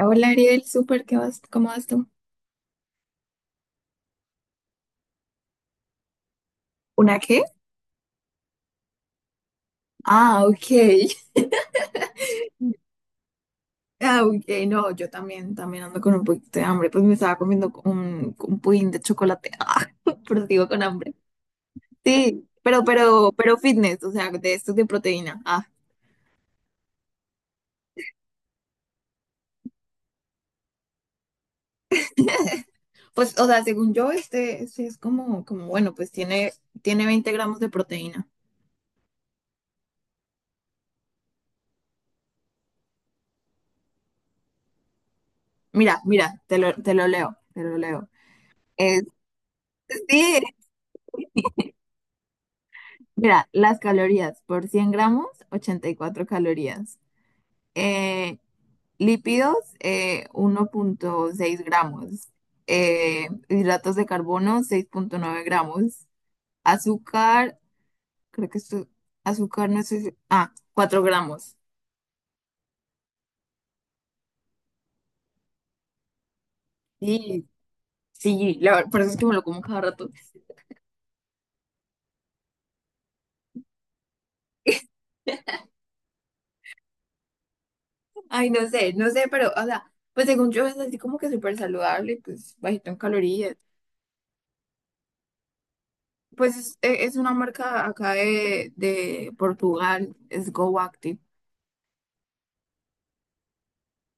Hola Ariel, súper, ¿qué vas? ¿Cómo vas tú? ¿Una qué? Ah, ok. Ah, ok, no, yo también ando con un poquito de hambre, pues me estaba comiendo un pudín de chocolate, ah, pero sigo con hambre. Sí, pero fitness, o sea, de estos de proteína. Ah, pues, o sea, según yo, este es como, bueno, pues tiene 20 gramos de proteína. Mira, mira, te lo leo. Es, sí, mira, las calorías por 100 gramos, 84 calorías. Eh, Lípidos, 1,6 gramos. Hidratos de carbono, 6,9 gramos. Azúcar, creo que esto, azúcar no sé, ah, 4 gramos. Sí, sí, la verdad, por eso es que me lo como cada rato. Ay, no sé, no sé, pero, o sea, pues según yo es así como que súper saludable, pues bajito en calorías. Pues es, es una marca acá de Portugal, es Go Active.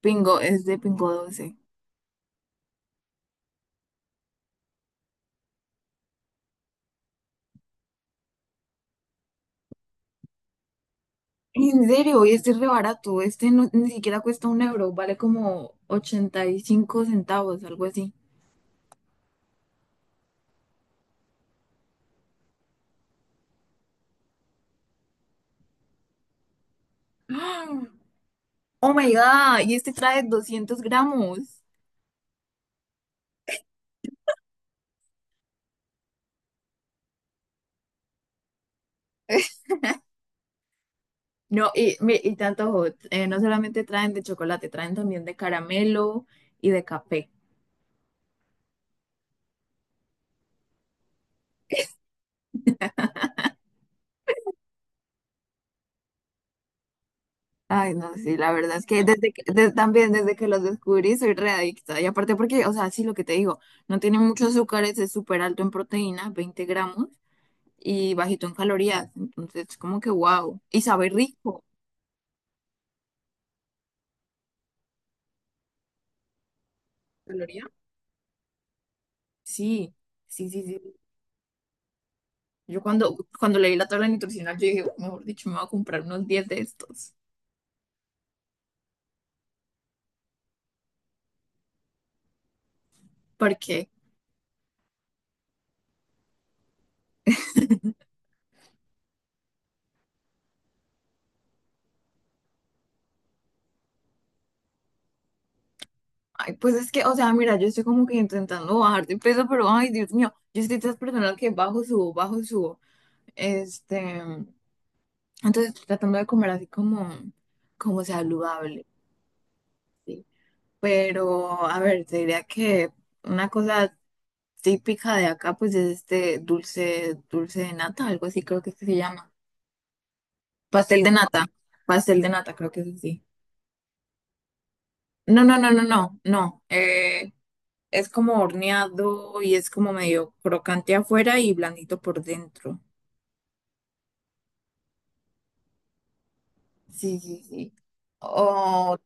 Pingo, es de Pingo Doce. En serio, y este es re barato. Este no, ni siquiera cuesta un euro, vale como 85 centavos, algo así. ¡Ah! Oh my God, y este trae 200 gramos. No, y, y tanto, no solamente traen de chocolate, traen también de caramelo y de café. Ay, no, sí, la verdad es que también desde que los descubrí soy re adicta. Y aparte porque, o sea, sí, lo que te digo, no tiene mucho azúcar, es súper alto en proteína, 20 gramos. Y bajito en calorías. Entonces, como que wow. Y sabe rico. ¿Caloría? Sí, sí, sí, sí. Yo cuando leí la tabla nutricional, yo dije, mejor dicho, me voy a comprar unos 10 de estos. ¿Por qué? Ay, pues es que, o sea, mira, yo estoy como que intentando bajar de peso, pero ay, Dios mío, yo soy de esas personas que bajo, subo, bajo, subo. Este, entonces tratando de comer así como saludable, ¿sí? Pero, a ver, te diría que una cosa típica de acá, pues es este dulce de nata, algo así creo que es que se llama. Pastel de nata, pastel de nata, creo que es así. No, no, no, no, no, no. Es como horneado y es como medio crocante afuera y blandito por dentro. Sí, sí, sí. O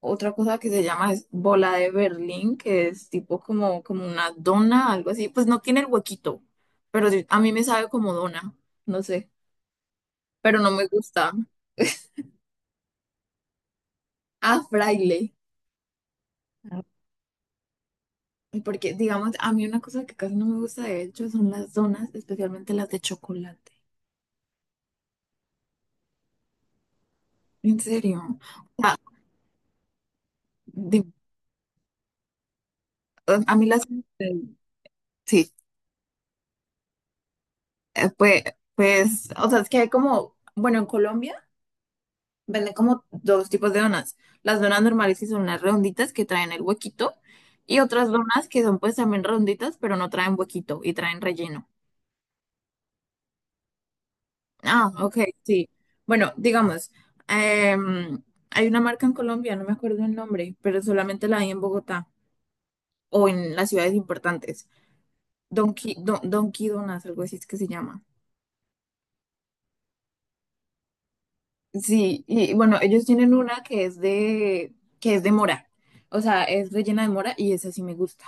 otra cosa que se llama es bola de Berlín, que es tipo como una dona, algo así. Pues no tiene el huequito, pero sí, a mí me sabe como dona, no sé, pero no me gusta. Ah, fraile. Porque, digamos, a mí una cosa que casi no me gusta, de hecho, son las donas, especialmente las de chocolate. En serio. O sea, di- a mí las... Sí, eh, pues, pues, o sea, es que hay como, bueno, en Colombia venden como dos tipos de donas. Las donas normales que son las redonditas que traen el huequito y otras donas que son pues también redonditas, pero no traen huequito y traen relleno. Ah, ok, sí. Bueno, digamos, em, hay una marca en Colombia, no me acuerdo el nombre, pero solamente la hay en Bogotá o en las ciudades importantes. Donkey, Don, Donkey Donuts, algo así es que se llama. Sí, y bueno, ellos tienen una que es de mora. O sea, es rellena de mora y esa sí me gusta.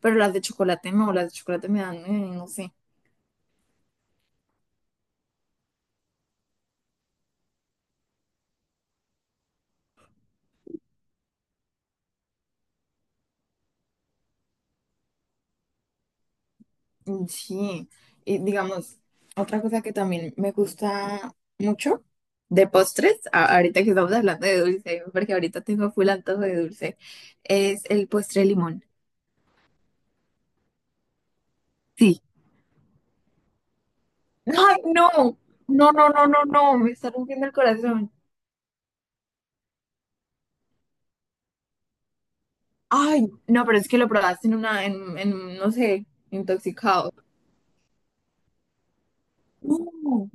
Pero las de chocolate no, las de chocolate me dan, no sé. Mm, sí, y digamos, otra cosa que también me gusta mucho de postres, ahorita que estamos hablando de dulce, porque ahorita tengo full antojo de dulce, es el postre de limón. Sí. ¡Ay, no! No, no, no, no, no, me está rompiendo el corazón. Ay, no, pero es que lo probaste en una, en, no sé, intoxicado. No.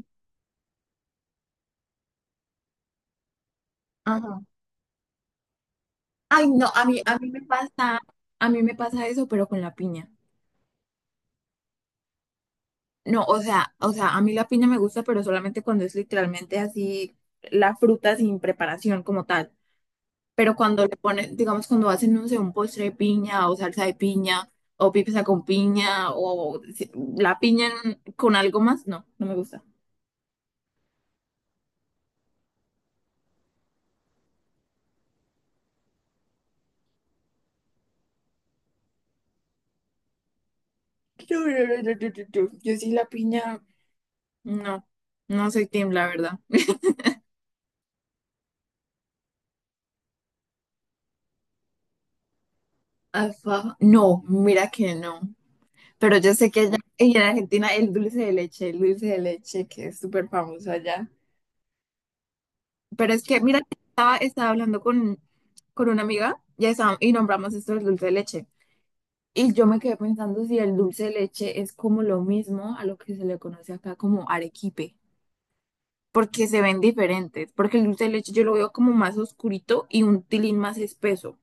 Ajá. Ay, no, a mí me pasa, a mí me pasa eso, pero con la piña. No, o sea, a mí la piña me gusta, pero solamente cuando es literalmente así la fruta sin preparación como tal. Pero cuando le ponen, digamos, cuando hacen, no sé, un postre de piña o salsa de piña o pizza con piña o la piña con algo más, no, no me gusta. No, no, no, no, no, no, no. Yo sí la piña. No, no soy team, la verdad. Alfajor, no, mira que no. Pero yo sé que allá en Argentina el dulce de leche, el dulce de leche que es súper famoso allá. Pero es que, mira, estaba hablando con una amiga y, y nombramos esto del dulce de leche. Y yo me quedé pensando si el dulce de leche es como lo mismo a lo que se le conoce acá como arequipe, porque se ven diferentes, porque el dulce de leche yo lo veo como más oscurito y un tilín más espeso,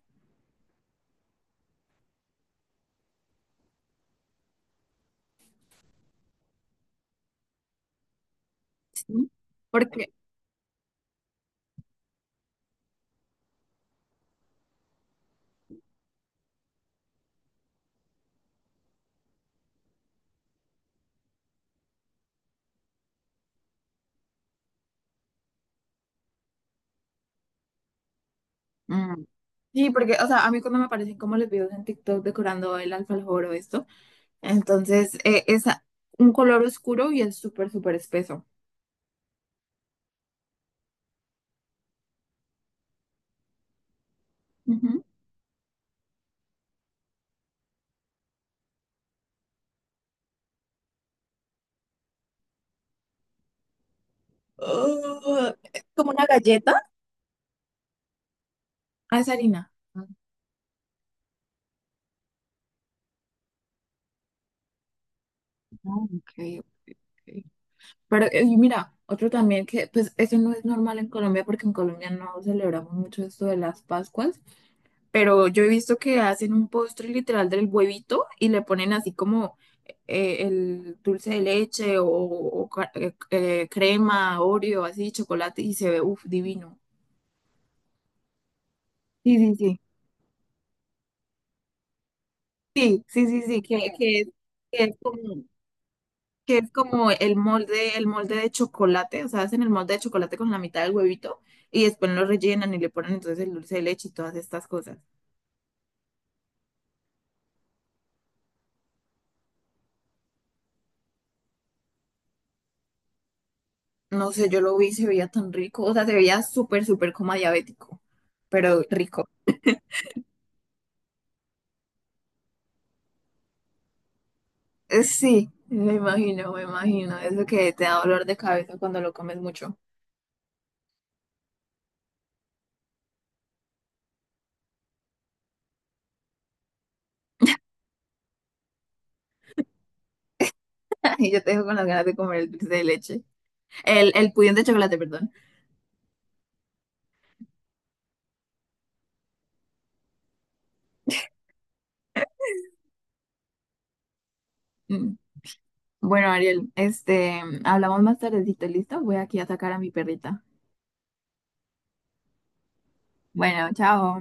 ¿sí? Porque, mm, sí, porque, o sea, a mí cuando me aparecen como los videos en TikTok decorando el alfajor o esto, entonces es un color oscuro y es súper, súper espeso. Oh, es como una galleta. Ah, es harina. Ah, ok, ok, ok. Pero, y mira, otro también que, pues, eso no es normal en Colombia porque en Colombia no celebramos mucho esto de las Pascuas, pero yo he visto que hacen un postre literal del huevito y le ponen así como el dulce de leche o crema, Oreo, así, chocolate y se ve, uff, divino. Sí, sí, sí. Sí, sí, sí, sí, que es como, que es como el molde de chocolate, o sea, hacen el molde de chocolate con la mitad del huevito y después lo rellenan y le ponen entonces el dulce de leche y todas estas cosas. No sé, yo lo vi, y se veía tan rico, o sea, se veía súper, súper como diabético, pero rico. Sí, me imagino, eso que te da dolor de cabeza cuando lo comes mucho. Y yo te dejo con las ganas de comer el dulce de leche, el pudín de chocolate, perdón. Mm. Bueno, Ariel, este, hablamos más tardecito, ¿listo? Voy aquí a sacar a mi perrita. Bueno, chao.